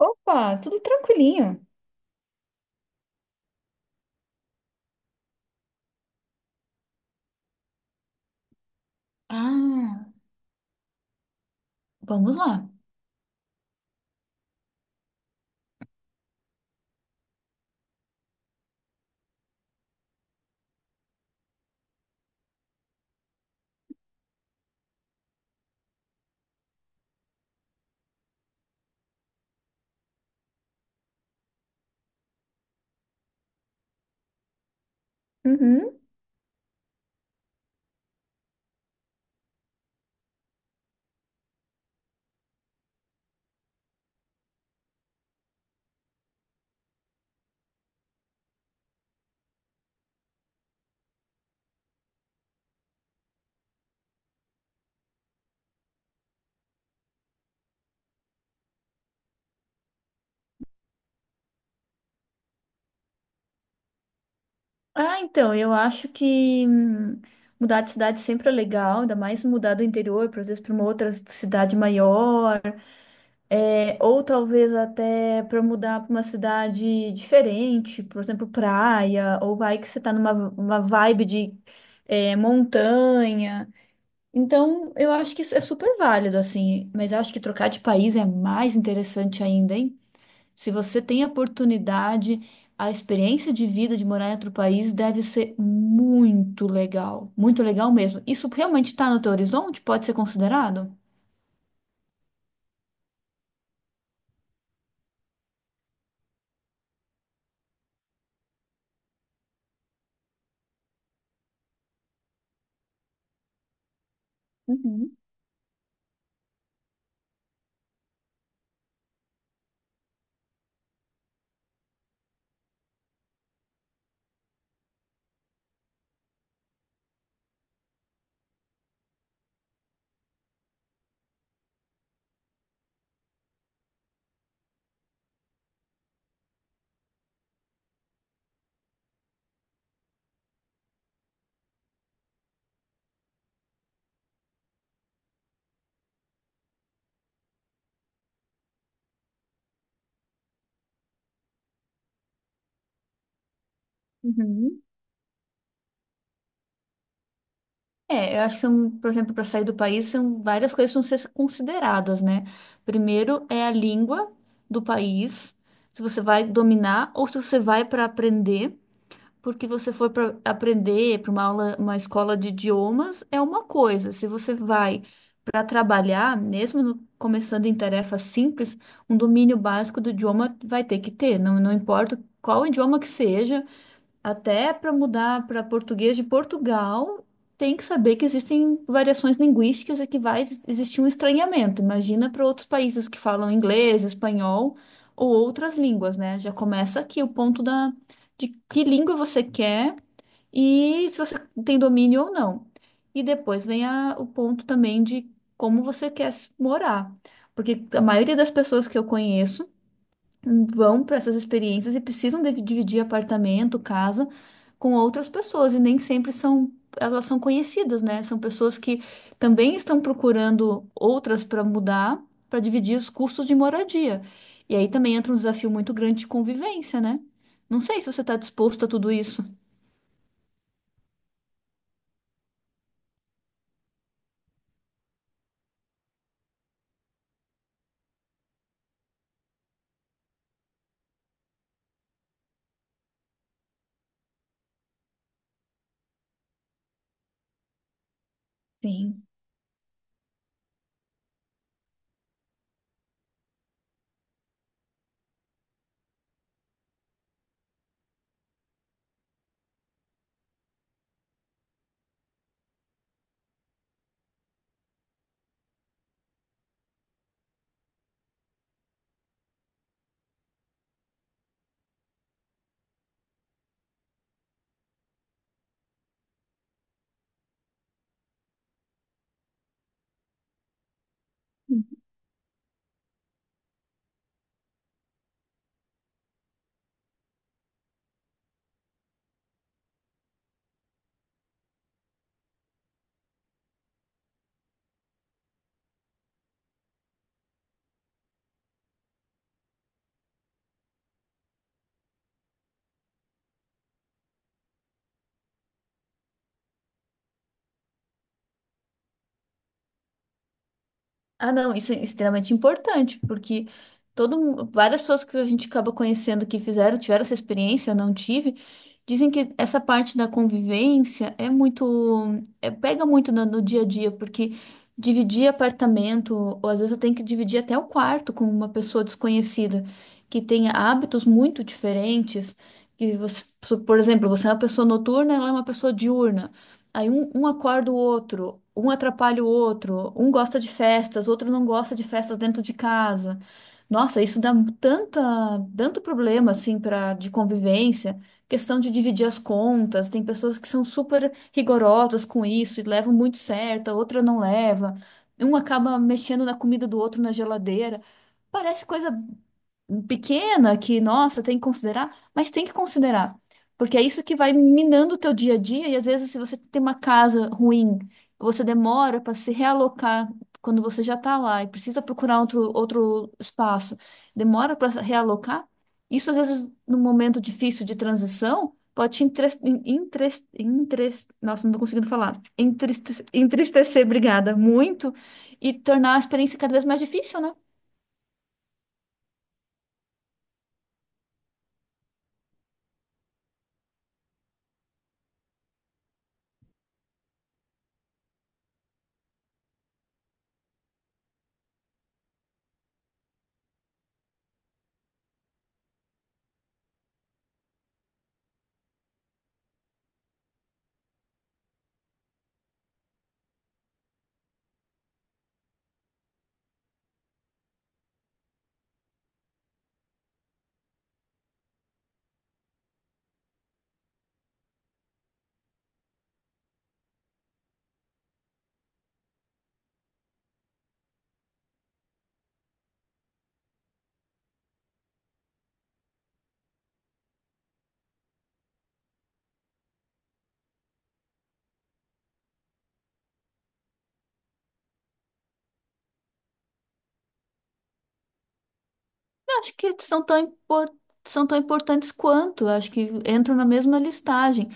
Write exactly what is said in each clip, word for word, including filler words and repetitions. Opa, tudo tranquilinho. Ah, vamos lá. Uhum. Ah, então, eu acho que hum, mudar de cidade sempre é legal, ainda mais mudar do interior, por exemplo, para uma outra cidade maior, é, ou talvez até para mudar para uma cidade diferente, por exemplo, praia, ou vai que você está numa uma vibe de é, montanha. Então, eu acho que isso é super válido, assim, mas eu acho que trocar de país é mais interessante ainda, hein? Se você tem a oportunidade, a experiência de vida de morar em outro país deve ser muito legal, muito legal mesmo. Isso realmente está no teu horizonte? Pode ser considerado? Uhum, uhum. É, eu acho que são, por exemplo, para sair do país, são várias coisas que vão ser consideradas, né? Primeiro é a língua do país, se você vai dominar ou se você vai para aprender. Porque você for para aprender para uma aula, uma escola de idiomas é uma coisa. Se você vai para trabalhar, mesmo no- começando em tarefas simples, um domínio básico do idioma vai ter que ter. Não, não importa qual idioma que seja, até para mudar para português de Portugal, tem que saber que existem variações linguísticas e que vai existir um estranhamento. Imagina para outros países que falam inglês, espanhol ou outras línguas, né? Já começa aqui o ponto da, de que língua você quer e se você tem domínio ou não. E depois vem a- o ponto também de como você quer s- morar. Porque a maioria das pessoas que eu conheço vão para essas experiências e precisam de- dividir apartamento, casa com outras pessoas e nem sempre são elas são conhecidas, né? São pessoas que também estão procurando outras para mudar, para dividir os custos de moradia. E aí também entra um desafio muito grande de convivência, né? Não sei se você está disposto a tudo isso. Sim. Ah, não, isso é extremamente importante, porque todo, mu- várias pessoas que a gente acaba conhecendo que fizeram, tiveram essa experiência, eu não tive. Dizem que essa parte da convivência é muito, é- pega muito no, no dia a dia, porque dividir apartamento, ou às vezes eu tenho que dividir até o quarto com uma pessoa desconhecida, que tenha hábitos muito diferentes, que você, so- por exemplo, você é uma pessoa noturna, ela é uma pessoa diurna. Aí um, um acorda o outro, um atrapalha o outro, um gosta de festas, outro não gosta de festas dentro de casa. Nossa, isso dá tanta, tanto problema assim para de convivência, questão de dividir as contas, tem pessoas que são super rigorosas com isso e levam muito certo, a outra não leva. Um acaba mexendo na comida do outro na geladeira. Parece coisa pequena que, nossa, tem que considerar, mas tem que considerar, porque é isso que vai minando o teu dia a dia e às vezes se você tem uma casa ruim, você demora para se realocar quando você já está lá e precisa procurar outro, outro espaço, demora para realocar, isso às vezes num momento difícil de transição pode te entres- entres- entres- nossa, não estou conseguindo falar. Entriste- Entristecer, obrigada, muito, e tornar a experiência cada vez mais difícil, né? Eu Acho que são tão, impor- São tão importantes quanto, eu acho que entram na mesma listagem.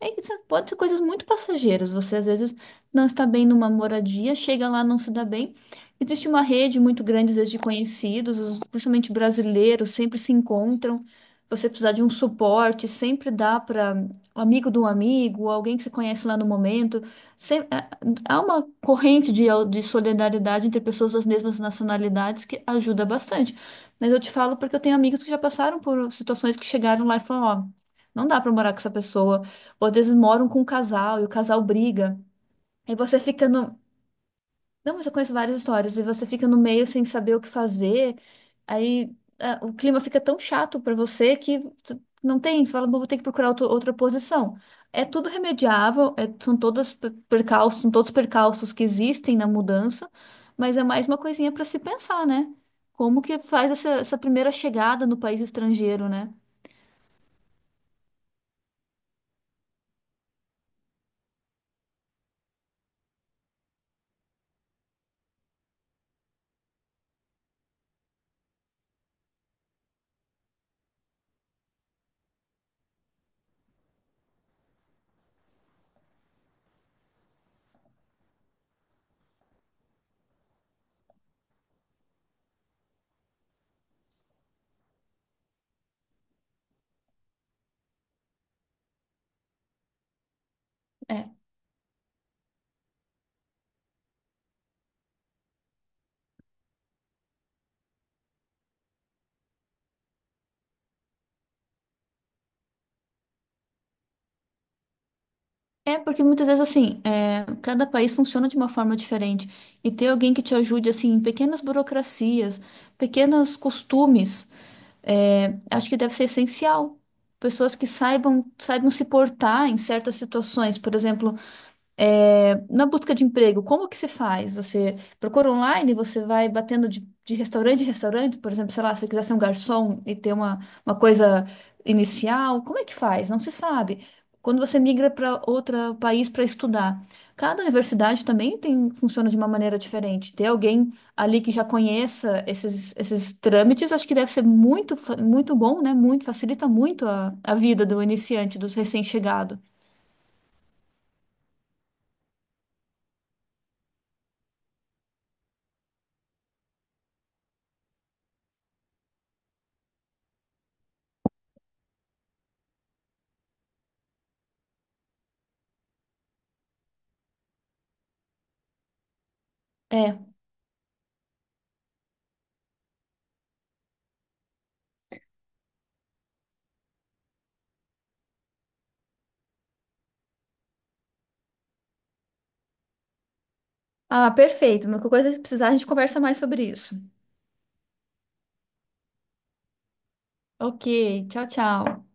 É que isso pode ser coisas muito passageiras. Você às vezes não está bem numa moradia, chega lá, não se dá bem. Existe uma rede muito grande, às vezes, de conhecidos, os- principalmente brasileiros, sempre se encontram. Você precisar de um suporte, sempre dá para um amigo de um amigo, alguém que se conhece lá no momento. Sem- é- Há uma corrente de, de solidariedade entre pessoas das mesmas nacionalidades que ajuda bastante. Mas eu te falo porque eu tenho amigos que já passaram por situações que chegaram lá e falaram, ó, não dá pra morar com essa pessoa. Ou às vezes moram com um casal e o casal briga. E você fica no, não, mas eu conheço várias histórias e você fica no meio sem saber o que fazer. Aí ah, o clima fica tão chato pra você que tu- não tem. Você fala, "Bom, vou ter que procurar outro- outra posição." É tudo remediável, é- são todas per- percalços, são todos percalços que existem na mudança, mas é mais uma coisinha pra se pensar, né? Como que faz essa, essa primeira chegada no país estrangeiro, né? É, porque muitas vezes, assim, é, cada país funciona de uma forma diferente. E ter alguém que te ajude, assim, em pequenas burocracias, pequenos costumes, é, acho que deve ser essencial. Pessoas que saibam, saibam se portar em certas situações. Por exemplo, é, na busca de emprego, como que você faz? Você procura online, você vai batendo de, de restaurante em restaurante, por exemplo, sei lá, se você quiser ser um garçom e ter uma, uma coisa inicial, como é que faz? Não se sabe. Quando você migra para outro país para estudar, cada universidade também tem, funciona de uma maneira diferente. Ter alguém ali que já conheça esses, esses trâmites, acho que deve ser muito, fa- muito bom, né? Muito, facilita muito a, a vida do iniciante, dos recém-chegados. Ah, perfeito. Mas qualquer coisa que precisar, a gente conversa mais sobre isso. Ok, tchau, tchau.